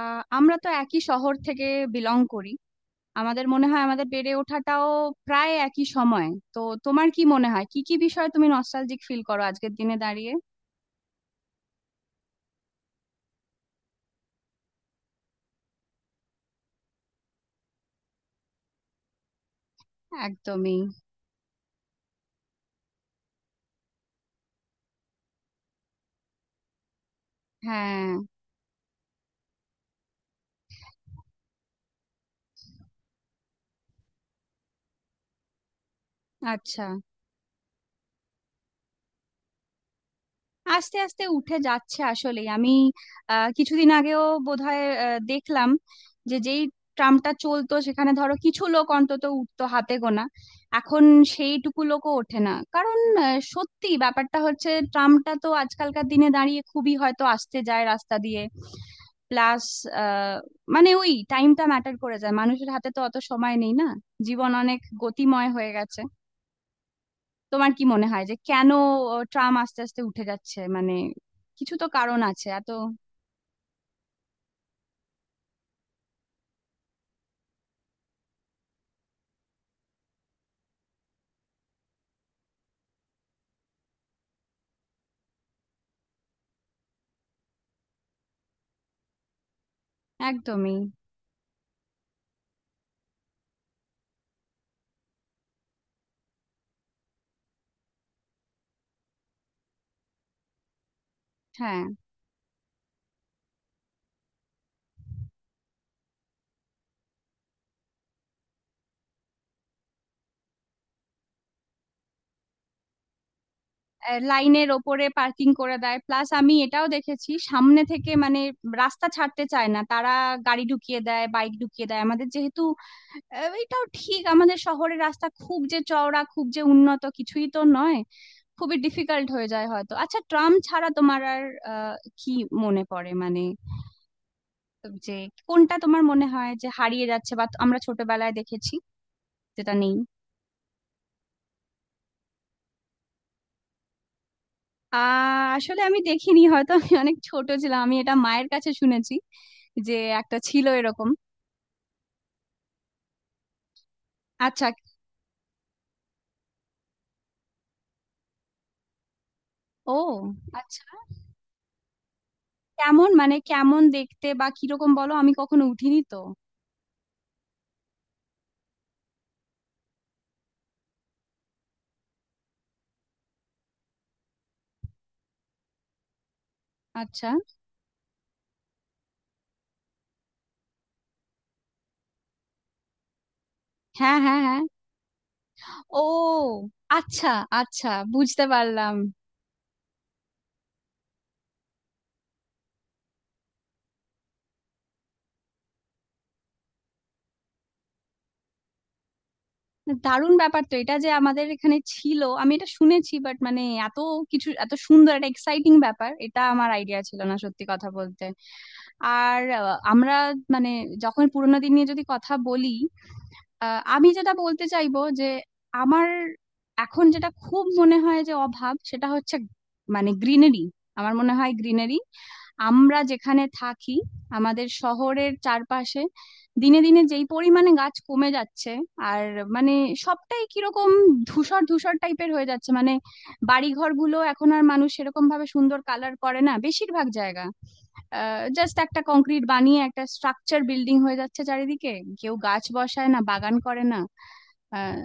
আমরা তো একই শহর থেকে বিলং করি। আমাদের মনে হয় আমাদের বেড়ে ওঠাটাও প্রায় একই সময়। তো তোমার কি মনে হয় কি কি বিষয়ে তুমি নস্টালজিক ফিল করো আজকের দিনে দাঁড়িয়ে? একদমই। হ্যাঁ। আচ্ছা। আস্তে আস্তে উঠে যাচ্ছে আসলেই। আমি কিছুদিন আগেও বোধহয় দেখলাম যেই ট্রামটা চলতো, সেখানে ধরো কিছু লোক অন্তত উঠতো, হাতে গোনা। এখন সেইটুকু লোকও ওঠে না, কারণ সত্যি ব্যাপারটা হচ্ছে ট্রামটা তো আজকালকার দিনে দাঁড়িয়ে খুবই হয়তো আসতে যায় রাস্তা দিয়ে। প্লাস, মানে ওই টাইমটা ম্যাটার করে যায়, মানুষের হাতে তো অত সময় নেই না। জীবন অনেক গতিময় হয়ে গেছে। তোমার কি মনে হয় যে কেন ট্রাম আস্তে আস্তে উঠে যাচ্ছে? মানে কিছু তো কারণ আছে এত। একদমই। হ্যাঁ। লাইনের ওপরে পার্কিং করে দেয়। প্লাস আমি এটাও দেখেছি সামনে থেকে, মানে রাস্তা ছাড়তে চায় না তারা, গাড়ি ঢুকিয়ে দেয়, বাইক ঢুকিয়ে দেয়। আমাদের যেহেতু এটাও ঠিক, আমাদের শহরের রাস্তা খুব যে চওড়া খুব যে উন্নত কিছুই তো নয়, খুবই ডিফিকাল্ট হয়ে যায় হয়তো। আচ্ছা, ট্রাম ছাড়া তোমার আর আহ, কি মনে পড়ে, মানে যে কোনটা তোমার মনে হয় যে হারিয়ে যাচ্ছে, বা আমরা ছোটবেলায় দেখেছি যেটা নেই? আসলে আমি দেখিনি, হয়তো আমি অনেক ছোট ছিলাম, আমি এটা মায়ের কাছে শুনেছি যে একটা ছিল এরকম। আচ্ছা। ও আচ্ছা। কেমন, মানে কেমন দেখতে বা কিরকম, বলো, আমি কখনো উঠিনি তো। আচ্ছা। হ্যাঁ, হ্যাঁ, হ্যাঁ। ও। আচ্ছা, আচ্ছা, বুঝতে পারলাম। দারুণ ব্যাপার তো এটা, যে আমাদের এখানে ছিল। আমি এটা শুনেছি, বাট মানে এত কিছু, এত সুন্দর একটা এক্সাইটিং ব্যাপার, এটা আমার আইডিয়া ছিল না সত্যি কথা বলতে। আর আমরা মানে যখন পুরোনো দিন নিয়ে যদি কথা বলি, আমি যেটা বলতে চাইবো যে আমার এখন যেটা খুব মনে হয় যে অভাব, সেটা হচ্ছে মানে গ্রিনারি। আমার মনে হয় গ্রিনারি, আমরা যেখানে থাকি আমাদের শহরের চারপাশে দিনে দিনে যেই পরিমাণে গাছ কমে যাচ্ছে, আর মানে সবটাই কিরকম ধূসর ধূসর টাইপের হয়ে যাচ্ছে। মানে বাড়ি ঘরগুলো এখন আর মানুষ সেরকম ভাবে সুন্দর কালার করে না, বেশিরভাগ জায়গা জাস্ট একটা কংক্রিট বানিয়ে একটা স্ট্রাকচার বিল্ডিং হয়ে যাচ্ছে চারিদিকে। কেউ গাছ বসায় না, বাগান করে না। আহ,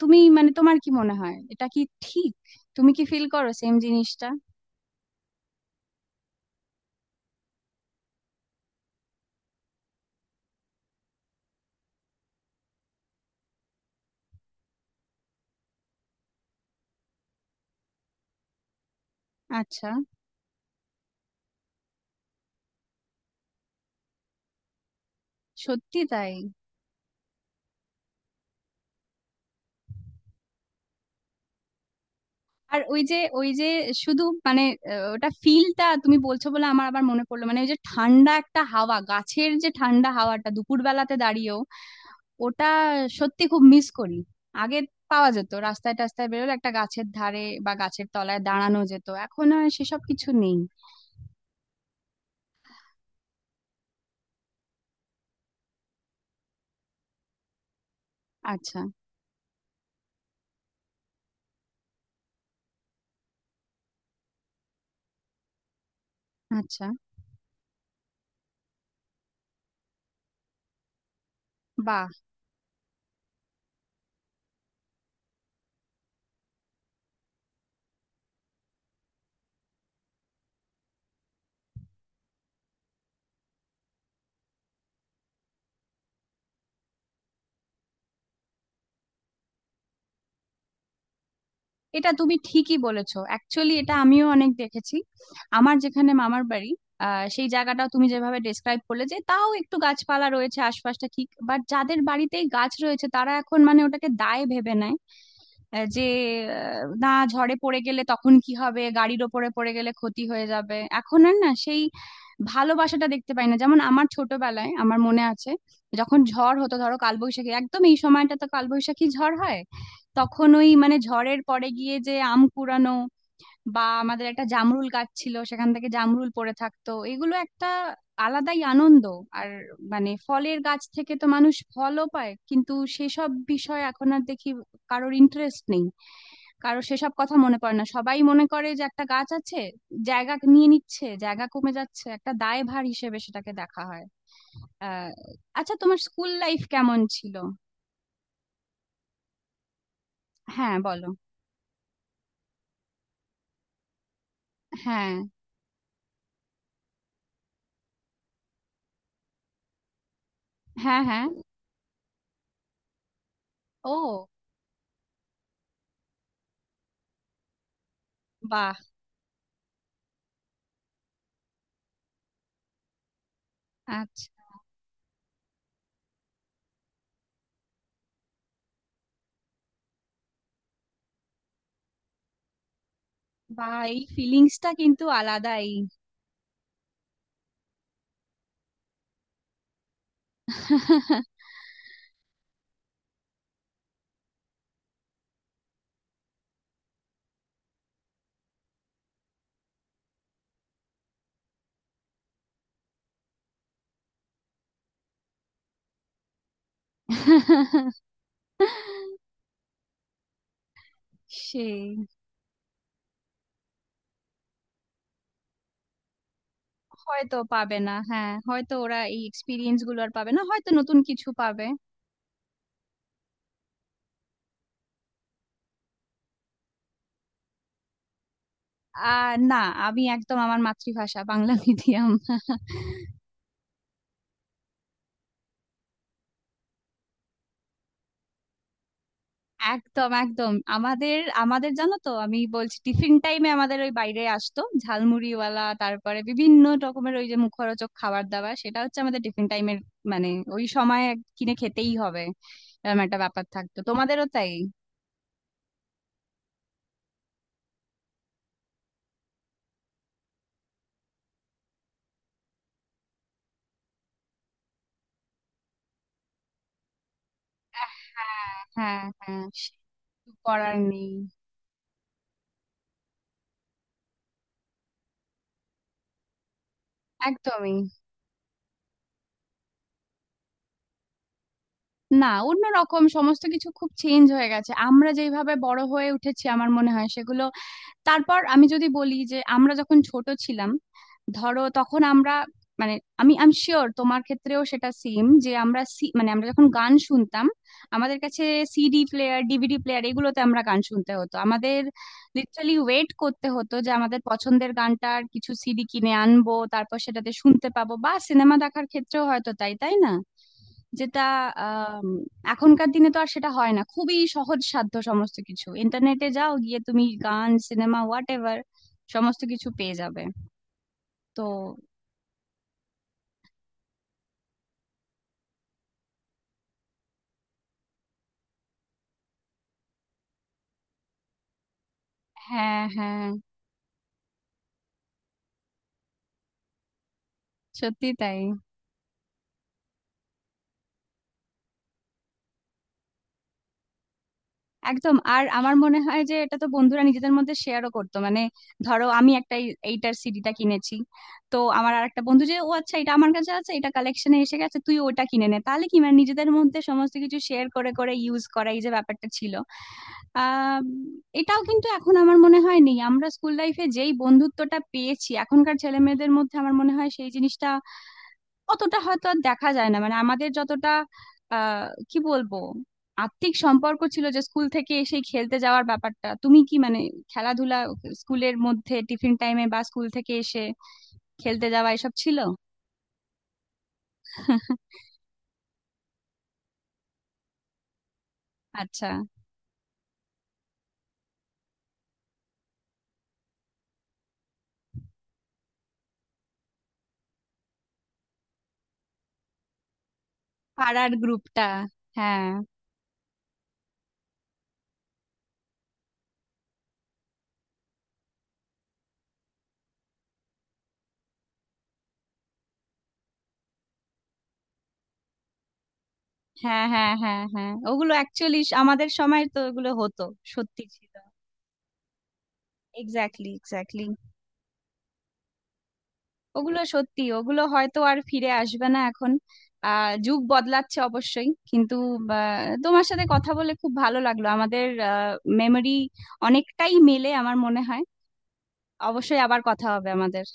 তুমি মানে তোমার কি মনে হয়, এটা কি ঠিক? তুমি কি ফিল করো সেম জিনিসটা? আচ্ছা। সত্যি তাই। আর ওই যে শুধু মানে ওটা ফিলটা তুমি বলছো বলে আমার আবার মনে পড়লো, মানে ওই যে ঠান্ডা একটা হাওয়া, গাছের যে ঠান্ডা হাওয়াটা দুপুরবেলাতে দাঁড়িয়েও, ওটা সত্যি খুব মিস করি। আগে পাওয়া যেত, রাস্তায় টাস্তায় বেরোলে একটা গাছের ধারে বা গাছের তলায় দাঁড়ানো যেত, এখন আর সেসব কিছু নেই। আচ্ছা, আচ্ছা। বাহ। এটা তুমি ঠিকই বলেছো অ্যাকচুয়ালি, এটা আমিও অনেক দেখেছি। আমার যেখানে মামার বাড়ি, সেই জায়গাটাও তুমি যেভাবে ডেসক্রাইব করলে, যে তাও একটু গাছপালা রয়েছে আশপাশটা ঠিক, বাট যাদের বাড়িতেই গাছ রয়েছে তারা এখন মানে ওটাকে দায় ভেবে নেয়। যে না, ঝড়ে পড়ে গেলে তখন কি হবে, গাড়ির ওপরে পড়ে গেলে ক্ষতি হয়ে যাবে, এখন আর না সেই ভালোবাসাটা দেখতে পাই না, যেমন আমার ছোটবেলায়। আমার মনে আছে যখন ঝড় হতো ধরো কালবৈশাখী, একদম এই সময়টা তো কালবৈশাখী ঝড় হয়, তখন ওই মানে ঝড়ের পরে গিয়ে যে আম কুড়ানো, বা আমাদের একটা জামরুল গাছ ছিল সেখান থেকে জামরুল পড়ে থাকতো, এগুলো একটা আলাদাই আনন্দ। আর মানে ফলের গাছ থেকে তো মানুষ ফলও পায়, কিন্তু সেসব বিষয় এখন আর দেখি কারোর ইন্টারেস্ট নেই, কারো সেসব কথা মনে পড়ে না। সবাই মনে করে যে একটা গাছ আছে, জায়গা নিয়ে নিচ্ছে, জায়গা কমে যাচ্ছে, একটা দায়ভার হিসেবে সেটাকে দেখা হয়। আহ আচ্ছা, তোমার স্কুল লাইফ কেমন ছিল? হ্যাঁ, বলো। হ্যাঁ, হ্যাঁ, হ্যাঁ। ও। বাহ। আচ্ছা। বাহ, এই ফিলিংসটা কিন্তু আলাদাই। সেই। হয়তো পাবে না, হ্যাঁ, হয়তো ওরা এই এক্সপিরিয়েন্স গুলো আর পাবে না, হয়তো নতুন কিছু পাবে। না, আমি একদম, আমার মাতৃভাষা বাংলা মিডিয়াম। একদম, একদম। আমাদের আমাদের জানো তো, আমি বলছি, টিফিন টাইমে আমাদের ওই বাইরে আসতো ঝালমুড়িওয়ালা, তারপরে বিভিন্ন রকমের ওই যে মুখরোচক খাবার দাবার, সেটা হচ্ছে আমাদের টিফিন টাইমের মানে ওই সময় কিনে খেতেই হবে, এরকম একটা ব্যাপার থাকতো। তোমাদেরও তাই? হ্যাঁ, হ্যাঁ, হ্যাঁ। সে তো করার নেই। একদমই। না, অন্যরকম, সমস্ত কিছু খুব চেঞ্জ হয়ে গেছে আমরা যেইভাবে বড় হয়ে উঠেছি, আমার মনে হয় সেগুলো। তারপর আমি যদি বলি, যে আমরা যখন ছোট ছিলাম ধরো, তখন আমরা মানে আমি আমি শিওর তোমার ক্ষেত্রেও সেটা সেম, যে আমরা মানে আমরা যখন গান শুনতাম আমাদের কাছে সিডি প্লেয়ার, ডিভিডি প্লেয়ার, এগুলোতে আমরা গান শুনতে হতো। আমাদের লিটারালি ওয়েট করতে হতো যে আমাদের পছন্দের গানটার কিছু সিডি কিনে আনবো, তারপর সেটাতে শুনতে পাবো, বা সিনেমা দেখার ক্ষেত্রেও হয়তো তাই, তাই না? যেটা, আম, এখনকার দিনে তো আর সেটা হয় না, খুবই সহজ সাধ্য সমস্ত কিছু, ইন্টারনেটে যাও, গিয়ে তুমি গান, সিনেমা, হোয়াট এভার, সমস্ত কিছু পেয়ে যাবে তো। হ্যাঁ, হ্যাঁ। সত্যি তাই। একদম। আর আমার মনে হয় যে এটা তো বন্ধুরা নিজেদের মধ্যে শেয়ারও করতো, মানে ধরো আমি একটা এইটার সিডিটা কিনেছি, তো আমার আর একটা বন্ধু যে, ও আচ্ছা এটা আমার কাছে আছে, এটা কালেকশনে এসে গেছে, তুই ওটা কিনে নে, তাহলে কি মানে নিজেদের মধ্যে সমস্ত কিছু শেয়ার করে করে ইউজ করা, এই যে ব্যাপারটা ছিল। আম, এটাও কিন্তু এখন আমার মনে হয় নেই, আমরা স্কুল লাইফে যেই বন্ধুত্বটা পেয়েছি এখনকার ছেলে মেয়েদের মধ্যে আমার মনে হয় সেই জিনিসটা অতটা হয়তো আর দেখা যায় না, মানে আমাদের যতটা আহ কি বলবো আত্মিক সম্পর্ক ছিল, যে স্কুল থেকে এসে খেলতে যাওয়ার ব্যাপারটা, তুমি কি মানে খেলাধুলা স্কুলের মধ্যে টিফিন টাইমে বা স্কুল থেকে এসে খেলতে যাওয়া, এসব ছিল? আচ্ছা। পাড়ার গ্রুপটা। হ্যাঁ, হ্যাঁ, হ্যাঁ, হ্যাঁ, হ্যাঁ, ওগুলো অ্যাকচুয়ালি আমাদের সময় তো ওগুলো হতো। সত্যি ছিল। Exactly, exactly. ওগুলো সত্যি, ওগুলো হয়তো আর ফিরে আসবে না এখন। যুগ বদলাচ্ছে অবশ্যই, কিন্তু তোমার সাথে কথা বলে খুব ভালো লাগলো। আমাদের মেমোরি অনেকটাই মেলে আমার মনে হয়। অবশ্যই আবার কথা হবে আমাদের।